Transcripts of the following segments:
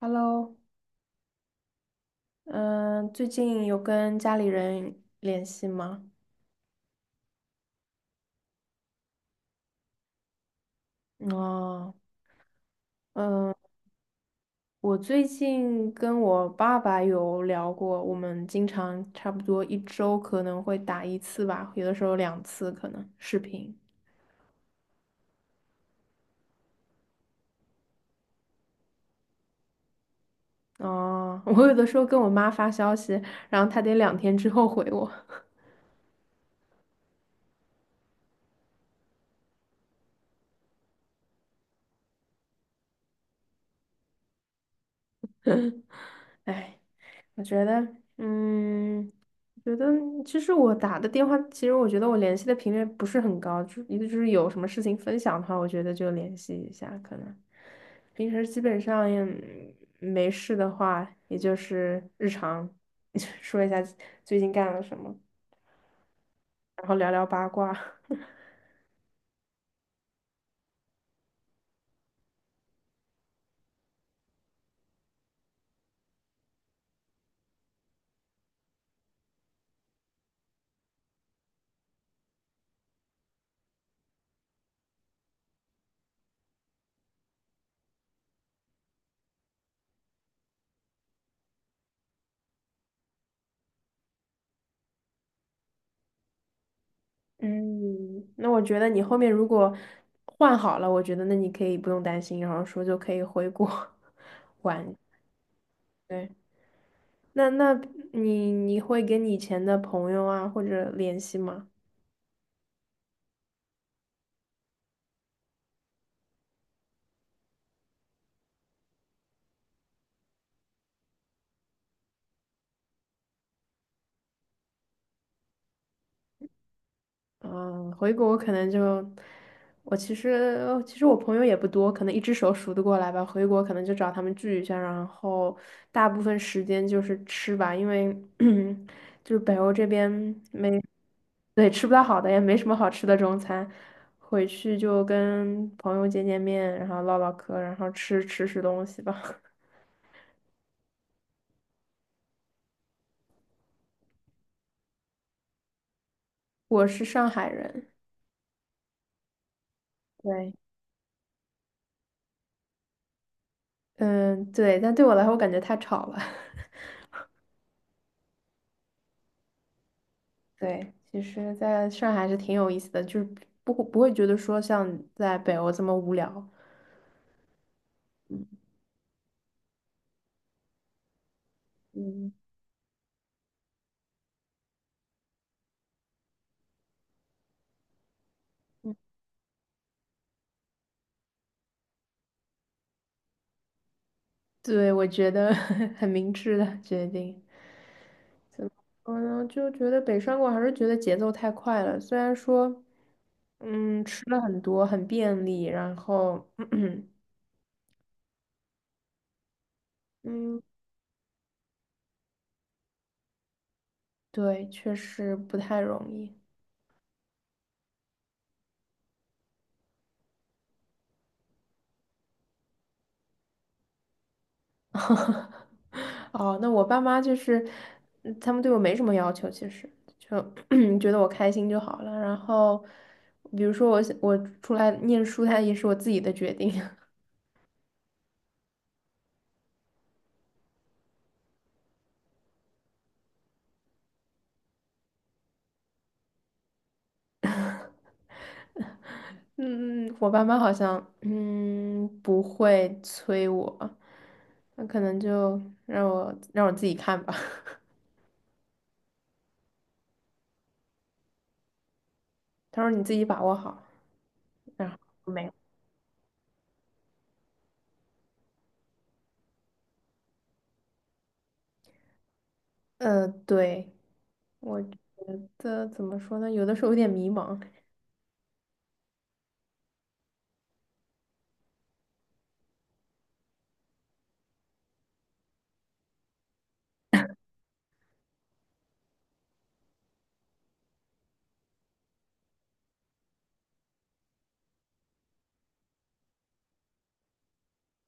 Hello。嗯，最近有跟家里人联系吗？哦。嗯，我最近跟我爸爸有聊过，我们经常差不多一周可能会打一次吧，有的时候两次可能视频。哦，我有的时候跟我妈发消息，然后她得两天之后回我。哎。我觉得，嗯，我觉得其实我打的电话，其实我觉得我联系的频率不是很高，就一个就是有什么事情分享的话，我觉得就联系一下，可能平时基本上也没事的话，也就是日常 说一下最近干了什么，然后聊聊八卦。嗯，那我觉得你后面如果换好了，我觉得那你可以不用担心，然后说就可以回国 玩。对。那你会跟你以前的朋友啊或者联系吗？嗯，回国可能就我其实我朋友也不多，可能一只手数得过来吧。回国可能就找他们聚一下，然后大部分时间就是吃吧，因为 就是北欧这边没。对，吃不到好的，也没什么好吃的中餐。回去就跟朋友见见面，然后唠唠嗑，然后吃吃吃东西吧。我是上海人。对。嗯，对，但对我来说，我感觉太吵了。对，其实在上海还是挺有意思的，就是不会觉得说像在北欧这么无聊。嗯。 对，我觉得 很明智的决定。嗯，就觉得北上广还是觉得节奏太快了，虽然说，嗯，吃了很多，很便利，然后，嗯，对，确实不太容易。哦，那我爸妈就是，嗯他们对我没什么要求，其实就 觉得我开心就好了。然后，比如说我想我出来念书，它也是我自己的决定。嗯，我爸妈好像嗯不会催我，那可能就让我自己看吧。他说你自己把握好。然后没。对，我觉得怎么说呢？有的时候有点迷茫。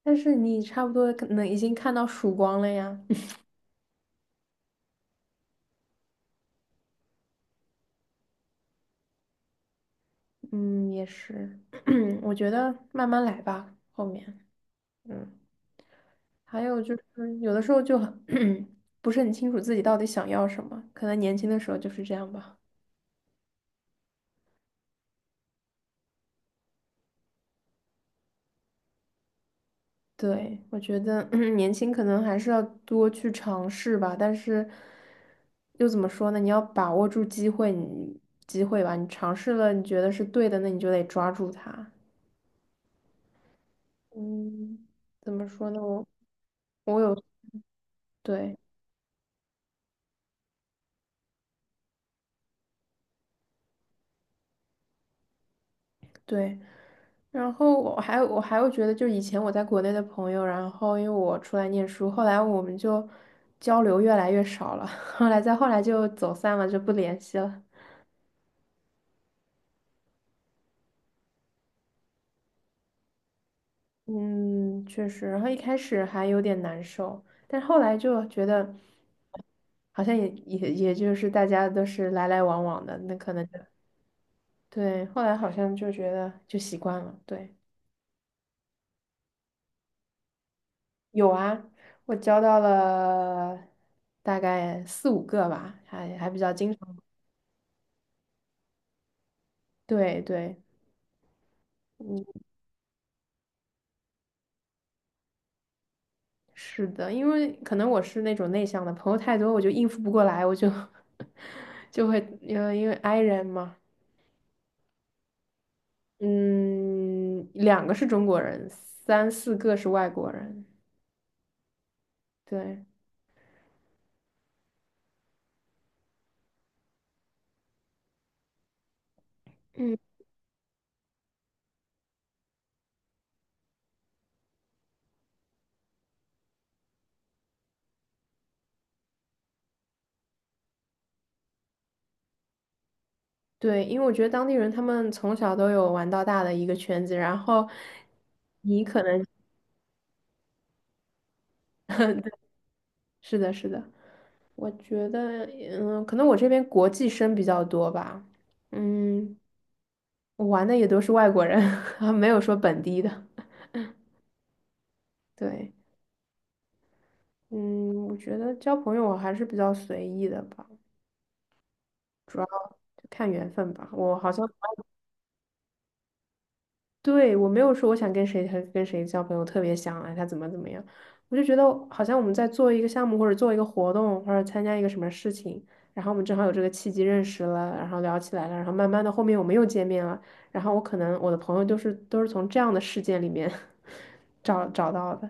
但是你差不多可能已经看到曙光了呀。嗯，也是。我觉得慢慢来吧，后面，嗯，还有就是有的时候就很 不是很清楚自己到底想要什么，可能年轻的时候就是这样吧。对，我觉得 年轻可能还是要多去尝试吧，但是又怎么说呢？你要把握住机会，你机会吧，你尝试了，你觉得是对的，那你就得抓住它。嗯，怎么说呢？我有。对。对。然后我还会觉得，就以前我在国内的朋友，然后因为我出来念书，后来我们就交流越来越少了。后来再后来就走散了，就不联系了。嗯，确实，然后一开始还有点难受，但是后来就觉得好像也就是大家都是来来往往的，那可能就对，后来好像就觉得就习惯了。对。有啊，我交到了大概四五个吧，还比较经常。对对。嗯，是的，因为可能我是那种内向的，朋友太多我就应付不过来，我就 就会因为 i 人嘛。嗯，两个是中国人，三四个是外国人。对。嗯，对，因为我觉得当地人他们从小都有玩到大的一个圈子，然后你可能是的，是的。我觉得，嗯，可能我这边国际生比较多吧，嗯，我玩的也都是外国人，没有说本地的。对。嗯，我觉得交朋友我还是比较随意的吧，主要就看缘分吧。我好像对，我没有说我想跟谁和跟谁交朋友，特别想哎他怎么怎么样，我就觉得好像我们在做一个项目或者做一个活动或者参加一个什么事情，然后我们正好有这个契机认识了，然后聊起来了，然后慢慢的后面我们又见面了，然后我可能我的朋友都是从这样的事件里面 找到的。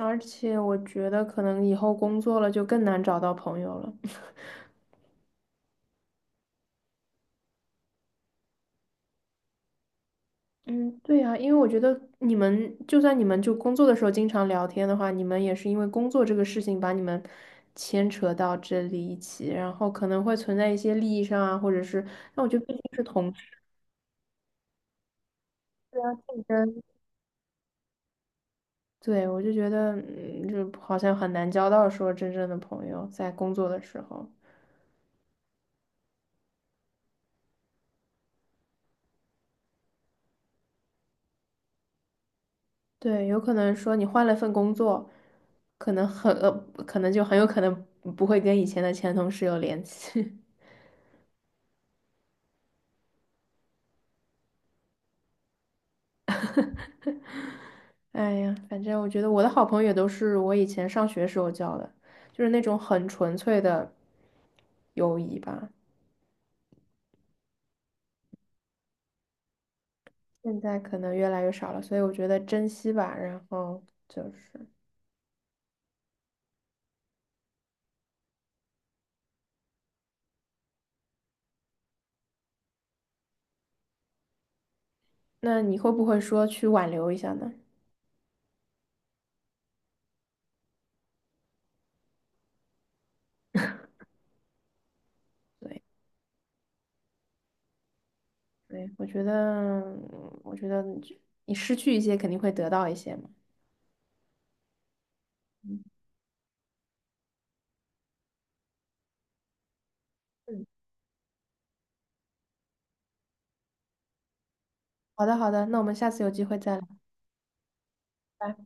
而且我觉得可能以后工作了就更难找到朋友了。嗯，对呀，因为我觉得你们就算你们就工作的时候经常聊天的话，你们也是因为工作这个事情把你们牵扯到这里一起，然后可能会存在一些利益上啊，或者是，那我觉得毕竟是同事啊。竞争。对，我就觉得，嗯，就好像很难交到说真正的朋友，在工作的时候。对，有可能说你换了份工作，可能很，可能就很有可能不会跟以前的前同事有联系。哎呀，反正我觉得我的好朋友也都是我以前上学时候交的，就是那种很纯粹的友谊吧。现在可能越来越少了，所以我觉得珍惜吧。然后就是，那你会不会说去挽留一下呢？对，对，我觉得，我觉得你失去一些肯定会得到一些嘛。嗯。嗯，好的，好的，那我们下次有机会再聊。拜拜。